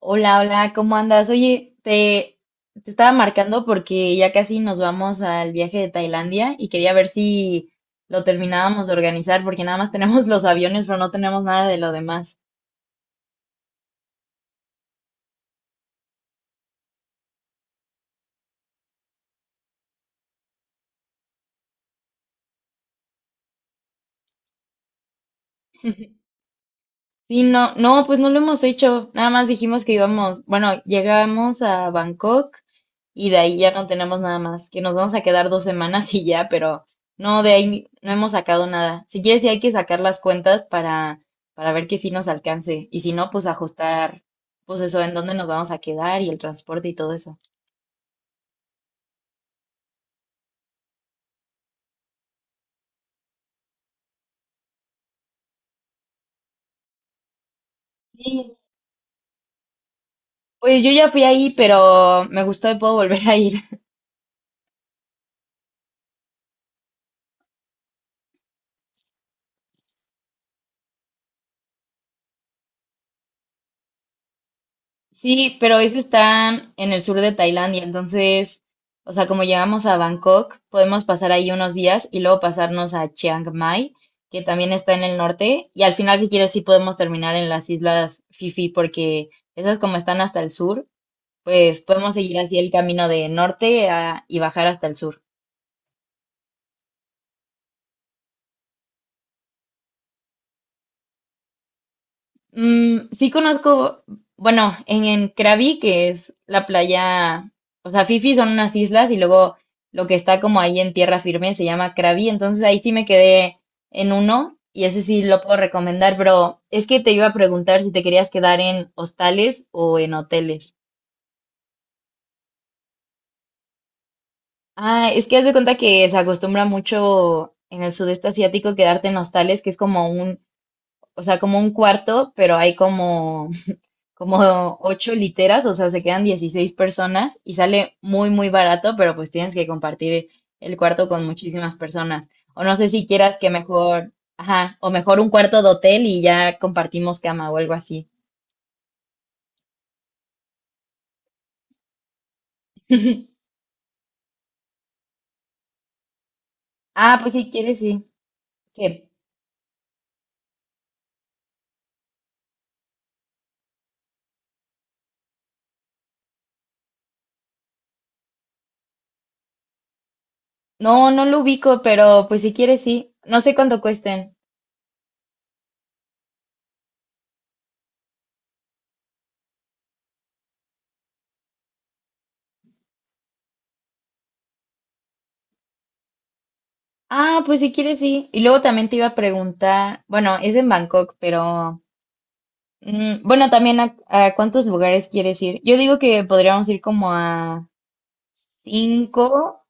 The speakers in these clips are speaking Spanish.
Hola, hola, ¿cómo andas? Oye, te estaba marcando porque ya casi nos vamos al viaje de Tailandia y quería ver si lo terminábamos de organizar porque nada más tenemos los aviones, pero no tenemos nada de lo demás. Sí, no, no, pues no lo hemos hecho. Nada más dijimos que íbamos, bueno, llegamos a Bangkok y de ahí ya no tenemos nada más, que nos vamos a quedar 2 semanas y ya, pero no, de ahí no hemos sacado nada. Si quieres, sí hay que sacar las cuentas para ver que sí nos alcance y si no, pues ajustar, pues eso, en dónde nos vamos a quedar y el transporte y todo eso. Sí, pues yo ya fui ahí, pero me gustó y puedo volver a ir. Sí, pero es que está en el sur de Tailandia, entonces, o sea, como llegamos a Bangkok, podemos pasar ahí unos días y luego pasarnos a Chiang Mai, que también está en el norte, y al final, si quieres, sí podemos terminar en las islas Fifi, porque esas como están hasta el sur, pues podemos seguir así el camino de norte y bajar hasta el sur. Mm, sí conozco, bueno, en Krabi, que es la playa, o sea, Fifi son unas islas y luego lo que está como ahí en tierra firme se llama Krabi, entonces ahí sí me quedé en uno y ese sí lo puedo recomendar, pero es que te iba a preguntar si te querías quedar en hostales o en hoteles. Ah, es que haz de cuenta que se acostumbra mucho en el sudeste asiático quedarte en hostales, que es como un, o sea, como un cuarto, pero hay como 8 literas, o sea, se quedan 16 personas y sale muy, muy barato, pero pues tienes que compartir el cuarto con muchísimas personas. O no sé si quieras que mejor, ajá, o mejor un cuarto de hotel y ya compartimos cama o algo así. Ah, pues si quieres, sí. Que no, no lo ubico, pero pues si quieres, sí. No sé cuánto cuesten. Ah, pues si quieres, sí. Y luego también te iba a preguntar, bueno, es en Bangkok, pero bueno, también a cuántos lugares quieres ir. Yo digo que podríamos ir como a cinco.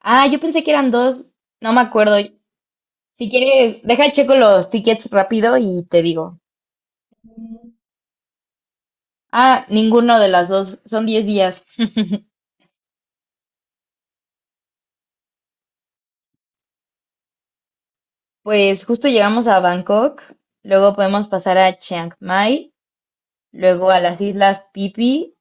Ah, yo pensé que eran dos. No me acuerdo. Si quieres, deja checo los tickets rápido y te digo. Ah, ninguno de las dos. Son 10 días. Pues justo llegamos a Bangkok. Luego podemos pasar a Chiang Mai. Luego a las Islas Phi Phi.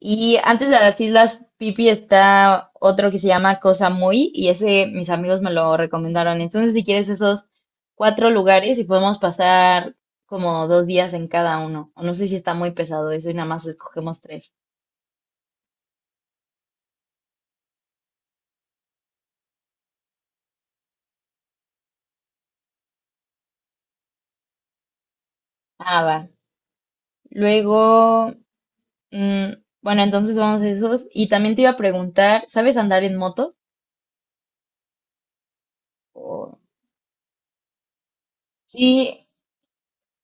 Y antes de las Islas Pipi está otro que se llama Cosa Muy y ese mis amigos me lo recomendaron. Entonces, si quieres esos 4 lugares y podemos pasar como 2 días en cada uno. O no sé si está muy pesado eso y nada más escogemos tres. Ah, va. Luego, mm, bueno, entonces vamos a esos. Y también te iba a preguntar, ¿sabes andar en moto? O- Sí,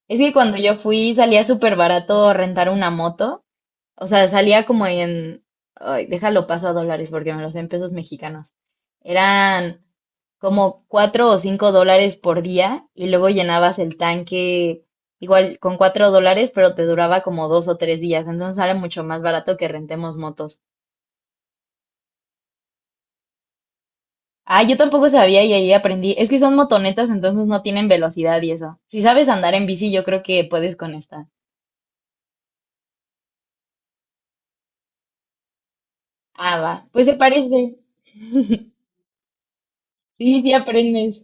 es que cuando yo fui salía súper barato rentar una moto. O sea, salía como en, ay, déjalo paso a dólares porque me los sé en pesos mexicanos. Eran como $4 o $5 por día y luego llenabas el tanque igual con $4, pero te duraba como 2 o 3 días. Entonces sale mucho más barato que rentemos motos. Ah, yo tampoco sabía y ahí aprendí. Es que son motonetas, entonces no tienen velocidad y eso. Si sabes andar en bici, yo creo que puedes con esta. Ah, va. Pues se parece. Sí, sí aprendes.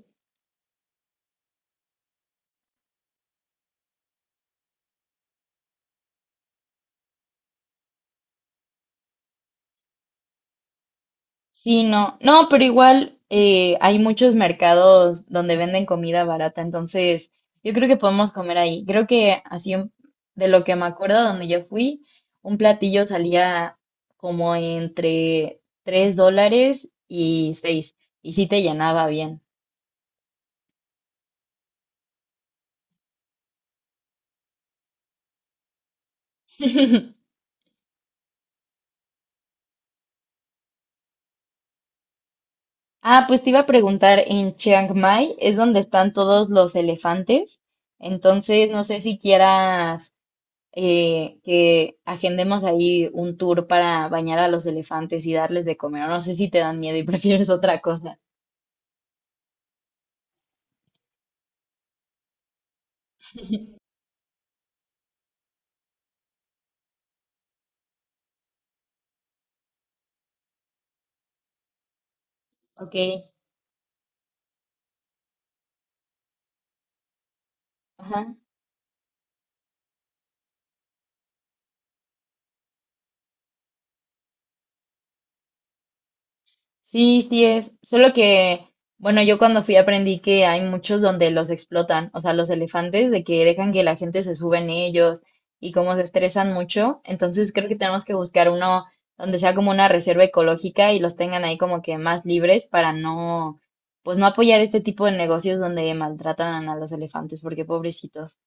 Sí, no, no, pero igual hay muchos mercados donde venden comida barata, entonces yo creo que podemos comer ahí. Creo que así de lo que me acuerdo, donde yo fui, un platillo salía como entre $3 y 6, y sí te llenaba bien. Ah, pues te iba a preguntar, en Chiang Mai es donde están todos los elefantes, entonces no sé si quieras que agendemos ahí un tour para bañar a los elefantes y darles de comer. O no sé si te dan miedo y prefieres otra cosa. Ok, ajá. Sí, sí es. Solo que, bueno, yo cuando fui aprendí que hay muchos donde los explotan, o sea, los elefantes, de que dejan que la gente se sube en ellos y como se estresan mucho. Entonces creo que tenemos que buscar uno donde sea como una reserva ecológica y los tengan ahí como que más libres para no, pues no apoyar este tipo de negocios donde maltratan a los elefantes, porque pobrecitos.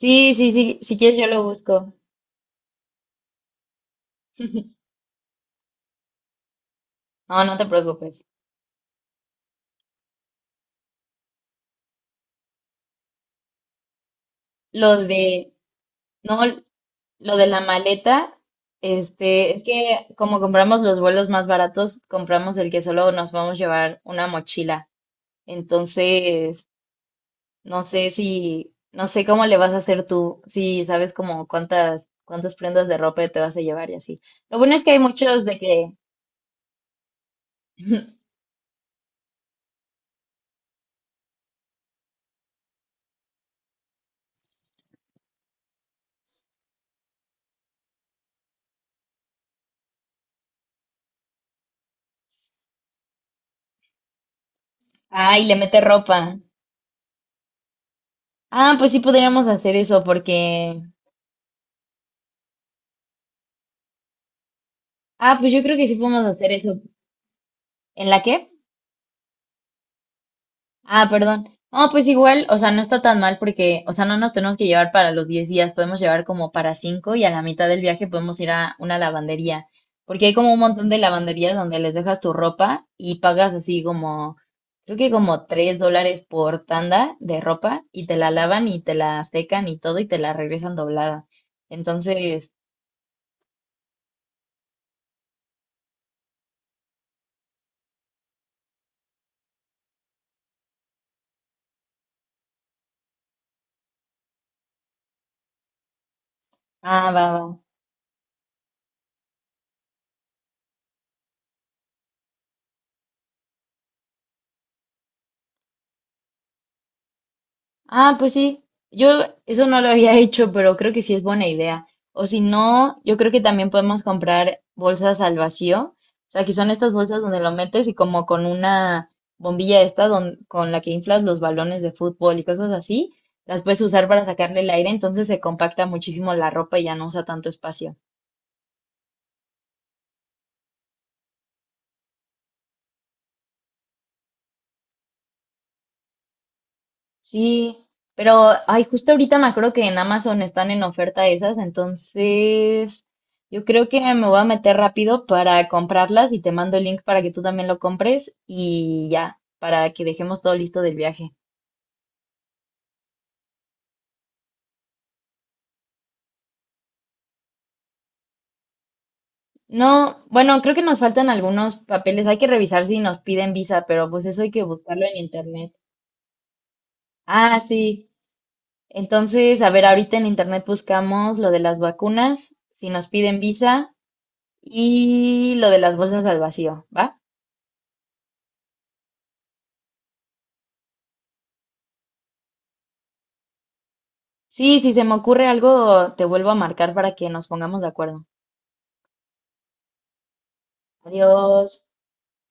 Sí, sí, sí, si quieres yo lo busco. No, no te preocupes. Lo de, no, Lo de la maleta, este, es que como compramos los vuelos más baratos, compramos el que solo nos vamos a llevar una mochila. Entonces, no sé si, no sé cómo le vas a hacer tú, si sabes como cuántas, prendas de ropa te vas a llevar y así. Lo bueno es que hay muchos de que, ay, le mete ropa. Ah, pues sí podríamos hacer eso porque, ah, pues yo creo que sí podemos hacer eso. ¿En la qué? Ah, perdón. No, pues igual, o sea, no está tan mal porque, o sea, no nos tenemos que llevar para los 10 días, podemos llevar como para 5 y a la mitad del viaje podemos ir a una lavandería, porque hay como un montón de lavanderías donde les dejas tu ropa y pagas así como, creo que como $3 por tanda de ropa y te la lavan y te la secan y todo y te la regresan doblada. Entonces, ah, va, va. Ah, pues sí, yo eso no lo había hecho, pero creo que sí es buena idea. O si no, yo creo que también podemos comprar bolsas al vacío. O sea, que son estas bolsas donde lo metes y como con una bombilla esta con la que inflas los balones de fútbol y cosas así, las puedes usar para sacarle el aire, entonces se compacta muchísimo la ropa y ya no usa tanto espacio. Sí, pero ay, justo ahorita me acuerdo que en Amazon están en oferta esas, entonces yo creo que me voy a meter rápido para comprarlas y te mando el link para que tú también lo compres y ya, para que dejemos todo listo del viaje. No, bueno, creo que nos faltan algunos papeles, hay que revisar si nos piden visa, pero pues eso hay que buscarlo en internet. Ah, sí. Entonces, a ver, ahorita en internet buscamos lo de las vacunas, si nos piden visa y lo de las bolsas al vacío, ¿va? Sí, si se me ocurre algo, te vuelvo a marcar para que nos pongamos de acuerdo. Adiós.